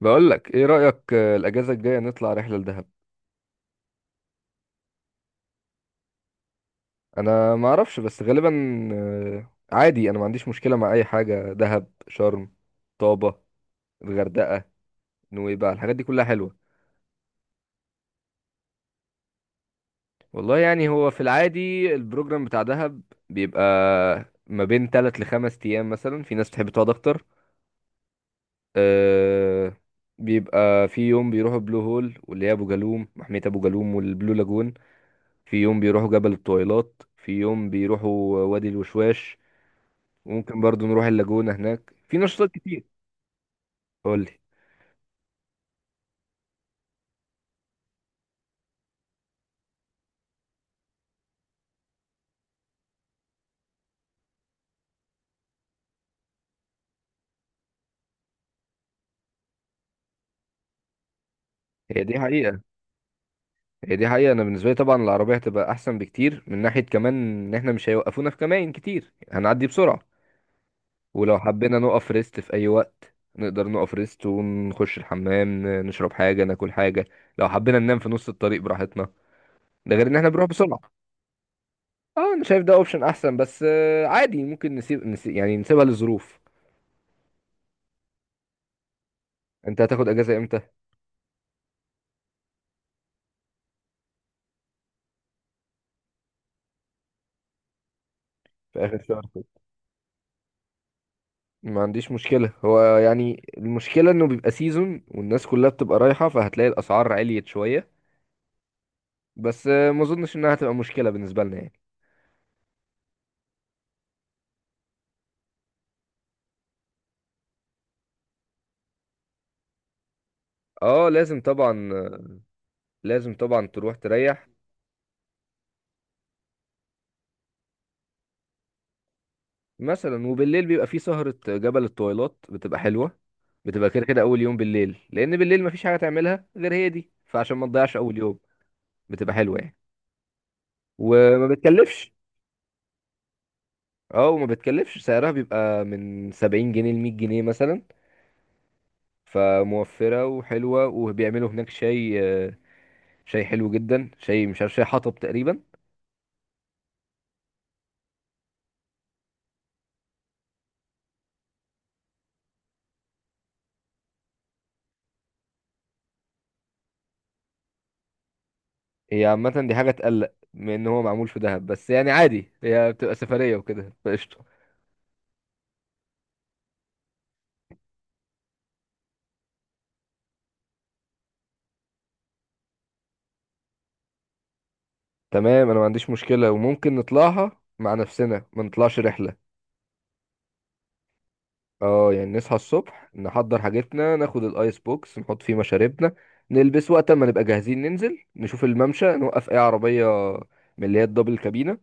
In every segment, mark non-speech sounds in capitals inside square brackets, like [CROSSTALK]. بقول لك ايه رأيك، الاجازة الجاية نطلع رحلة لدهب. انا ما اعرفش بس غالبا. آه، عادي انا ما عنديش مشكلة مع اي حاجة، دهب، شرم، طابة، الغردقة، نويبع، الحاجات دي كلها حلوة. والله يعني هو في العادي البروجرام بتاع دهب بيبقى ما بين 3 لخمس ايام، مثلا في ناس بتحب تقعد اكتر. آه، بيبقى في يوم بيروحوا بلو هول، واللي هي ابو جالوم، محمية ابو جالوم والبلو لاجون. في يوم بيروحوا جبل الطويلات، في يوم بيروحوا وادي الوشواش، وممكن برضو نروح اللاجونة، هناك في نشاطات كتير. قول لي. هي دي حقيقة هي دي حقيقة. أنا بالنسبة لي طبعا العربية هتبقى أحسن بكتير، من ناحية كمان إن إحنا مش هيوقفونا في كمائن كتير، هنعدي بسرعة. ولو حبينا نقف ريست في أي وقت نقدر نقف ريست ونخش الحمام، نشرب حاجة ناكل حاجة. لو حبينا ننام في نص الطريق براحتنا، ده غير إن إحنا بنروح بسرعة. أه، أنا شايف ده أوبشن أحسن، بس عادي ممكن نسيب يعني نسيبها للظروف. أنت هتاخد أجازة إمتى؟ في آخر شهر. ما عنديش مشكلة، هو يعني المشكلة انه بيبقى سيزون والناس كلها بتبقى رايحة، فهتلاقي الاسعار عليت شوية. بس ما اظنش انها هتبقى مشكلة بالنسبة لنا يعني. اه لازم طبعا. لازم طبعا تروح تريح. مثلا وبالليل بيبقى في سهرة جبل الطويلات بتبقى حلوة. بتبقى كده كده اول يوم بالليل، لان بالليل مفيش حاجة تعملها غير هي دي، فعشان ما تضيعش اول يوم بتبقى حلوة يعني. وما بتكلفش. اه، وما بتكلفش، سعرها بيبقى من 70 جنيه ل 100 جنيه مثلا، فموفرة وحلوة. وبيعملوا هناك شاي، شاي حلو جدا، شاي مش عارف، شاي حطب تقريبا. هي عامة دي حاجة تقلق من ان هو معمول في دهب، بس يعني عادي هي بتبقى سفرية وكده فقشطة. تمام انا ما عنديش مشكلة، وممكن نطلعها مع نفسنا ما نطلعش رحلة. اه يعني نصحى الصبح، نحضر حاجتنا، ناخد الايس بوكس نحط فيه مشاربنا، نلبس. وقت ما نبقى جاهزين ننزل نشوف الممشى، نوقف اي عربية من اللي هي الدبل كابينة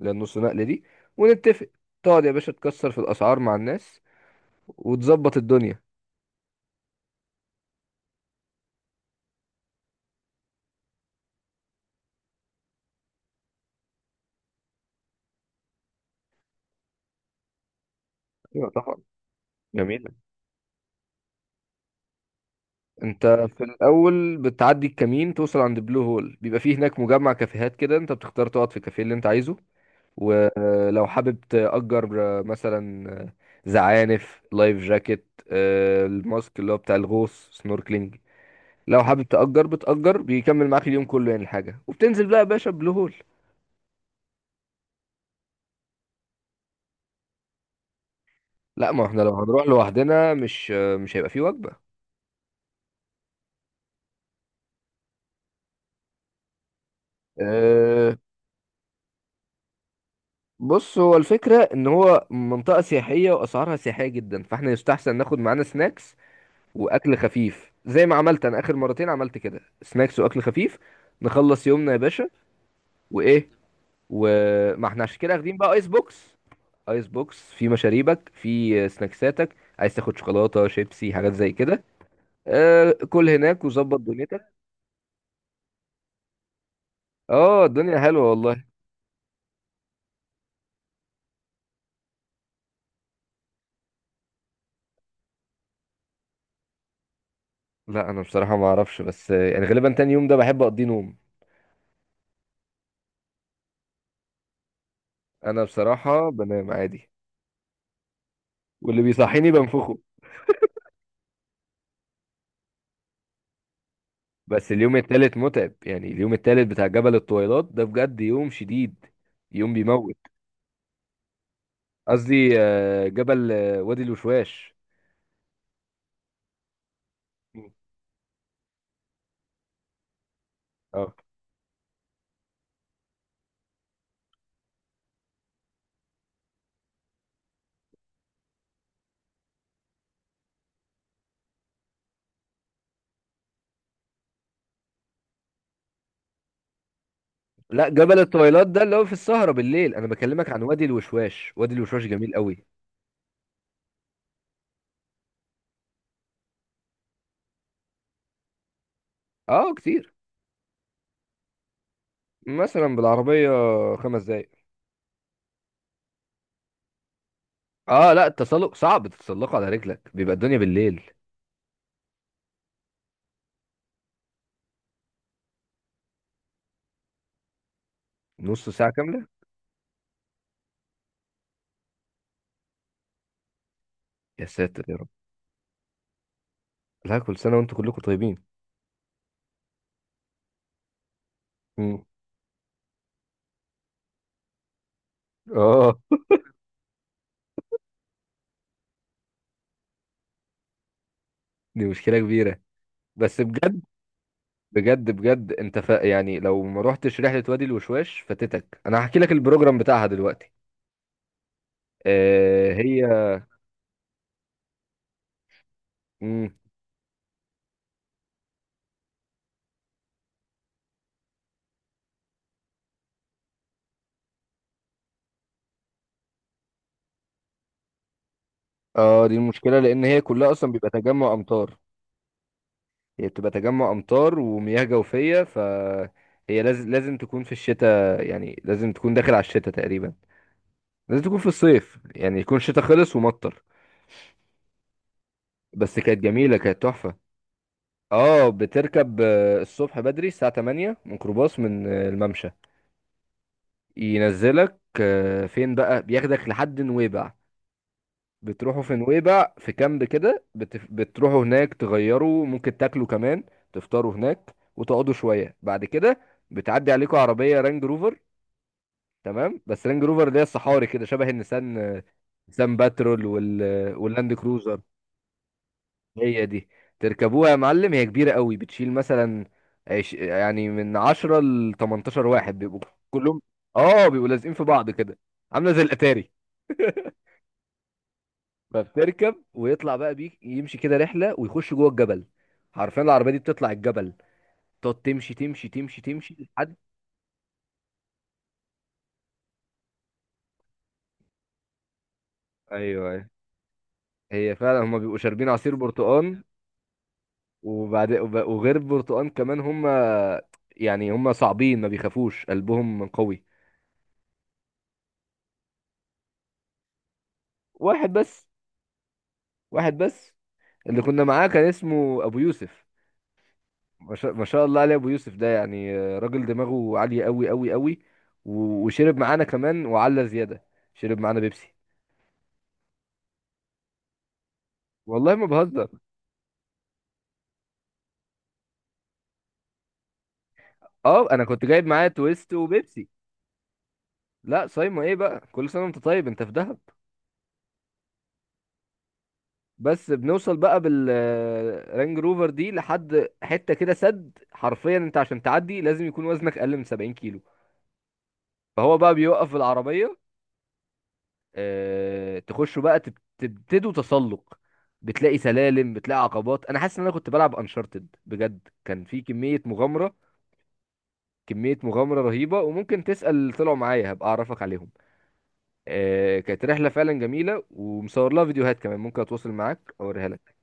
للنص نقلة دي، ونتفق. تقعد يا باشا تكسر في الأسعار مع الناس وتظبط الدنيا. ايوه طبعا. جميلة. انت في الأول بتعدي الكمين توصل عند بلو هول، بيبقى فيه هناك مجمع كافيهات كده، انت بتختار تقعد في الكافيه اللي انت عايزه. ولو حابب تأجر مثلا زعانف، لايف جاكيت، الماسك اللي هو بتاع الغوص، سنوركلينج. لو حابب تأجر بتأجر، بيكمل معاك اليوم كله يعني الحاجة، وبتنزل بقى يا باشا بلو هول. لا، ما احنا لو هنروح لوحدنا مش هيبقى فيه وجبة. أه، بص هو الفكرة ان هو منطقة سياحية واسعارها سياحية جدا، فاحنا يستحسن ناخد معانا سناكس واكل خفيف، زي ما عملت انا اخر مرتين عملت كده سناكس واكل خفيف. نخلص يومنا يا باشا. وايه. وما احنا عشان كده واخدين بقى ايس بوكس، ايس بوكس في مشاريبك، في سناكساتك، عايز تاخد شوكولاتة شيبسي حاجات زي كده. أه، كل هناك وظبط دنيتك. اه الدنيا حلوة والله. لا، انا بصراحة ما اعرفش، بس يعني غالبا تاني يوم ده بحب اقضيه نوم. انا بصراحة بنام عادي، واللي بيصحيني بنفخه. بس اليوم التالت متعب يعني، اليوم التالت بتاع جبل الطويلات ده بجد يوم شديد، يوم بيموت. قصدي آه، جبل آه، وادي الوشواش. مم. اه. لا، جبل الطويلات ده اللي هو في السهرة بالليل، انا بكلمك عن وادي الوشواش، وادي الوشواش جميل قوي. اه كتير. مثلا بالعربية 5 دقايق. اه لا، التسلق صعب تتسلقه على رجلك، بيبقى الدنيا بالليل. نص ساعة كاملة. يا ساتر يا رب. لا، كل سنة وانتم كلكم طيبين. مم. اه دي مشكلة كبيرة، بس بجد. بجد بجد انت يعني لو ما روحتش رحلة وادي الوشواش فاتتك، انا هحكي لك البروجرام بتاعها دلوقتي. هي. مم. اه دي المشكلة، لان هي كلها اصلا بيبقى تجمع امطار. هي بتبقى تجمع امطار ومياه جوفية. هي لازم لازم تكون في الشتاء، يعني لازم تكون داخل على الشتاء تقريبا. لازم تكون في الصيف يعني يكون الشتاء خلص ومطر. بس كانت جميلة كانت تحفة. اه بتركب الصبح بدري الساعة 8 ميكروباص من الممشى. ينزلك فين بقى، بياخدك لحد نويبع. بتروحوا في نويبع في كامب كده، بتروحوا هناك تغيروا، ممكن تاكلوا كمان تفطروا هناك، وتقعدوا شوية. بعد كده بتعدي عليكم عربية رانج روفر. تمام. بس رانج روفر اللي هي الصحاري كده، شبه النسان، نسان باترول واللاند كروزر. هي دي. تركبوها يا معلم، هي كبيرة قوي، بتشيل مثلا يعني من 10 ل 18 واحد بيبقوا كلهم. اه بيبقوا لازقين في بعض كده، عاملة زي الأتاري. فبتركب ويطلع بقى بيك يمشي كده رحله، ويخش جوه الجبل. حرفيا العربيه دي بتطلع الجبل، تقعد تمشي تمشي تمشي تمشي لحد. ايوه، ايوه، هي فعلا هما بيبقوا شاربين عصير برتقان. وبعد وغير البرتقان كمان هما، يعني هما صعبين، ما بيخافوش، قلبهم قوي. واحد بس واحد بس. اللي كنا معاه كان اسمه ابو يوسف. ما شاء الله عليه، ابو يوسف ده يعني راجل دماغه عالية قوي قوي قوي. وشرب معانا كمان وعلى زيادة. شرب معانا بيبسي، والله ما بهزر. اه، انا كنت جايب معايا تويست وبيبسي. لا صايمه ايه بقى، كل سنه وانت طيب، انت في دهب. بس بنوصل بقى بالرانج روفر دي لحد حته كده سد، حرفيا انت عشان تعدي لازم يكون وزنك اقل من 70 كيلو. فهو بقى بيوقف العربيه. اه تخشوا بقى تبتدوا تسلق. بتلاقي سلالم، بتلاقي عقبات. انا حاسس ان انا كنت بلعب انشارتد بجد، كان في كميه مغامره. كميه مغامره رهيبه، وممكن تسال طلعوا معايا هبقى اعرفك عليهم. كانت رحلة فعلا جميلة، ومصور لها فيديوهات كمان، ممكن اتواصل معاك اوريها لك.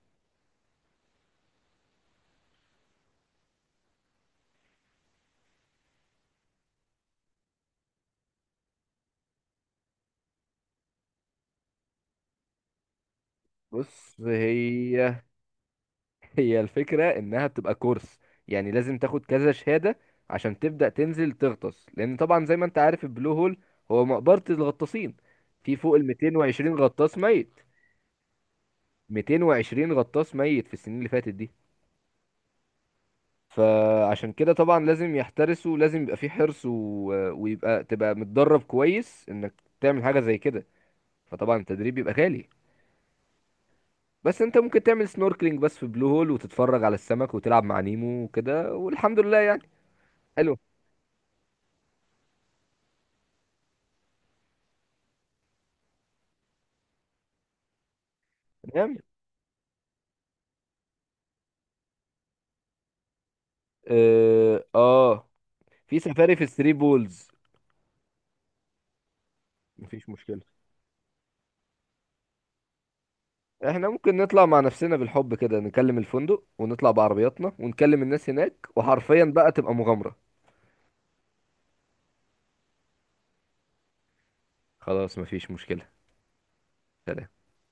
بص هي [LAUGHS] هي الفكرة انها بتبقى كورس. يعني لازم تاخد كذا شهادة عشان تبدأ تنزل تغطس، لان طبعا زي ما انت عارف البلو هول هو مقبرة الغطاسين. في فوق ال 220 غطاس ميت. 220 غطاس ميت في السنين اللي فاتت دي. فعشان كده طبعا لازم يحترسوا، لازم يبقى في حرص و... ويبقى تبقى متدرب كويس انك تعمل حاجة زي كده. فطبعا التدريب بيبقى غالي. بس انت ممكن تعمل سنوركلينج بس في بلو هول، وتتفرج على السمك وتلعب مع نيمو وكده والحمد لله يعني. حلو. تمام. اه, آه. في سفاري في ثري بولز. مفيش مشكلة. احنا ممكن نطلع مع نفسنا بالحب كده، نكلم الفندق ونطلع بعربياتنا ونكلم الناس هناك، وحرفيا بقى تبقى مغامرة. خلاص مفيش مشكلة. سلام.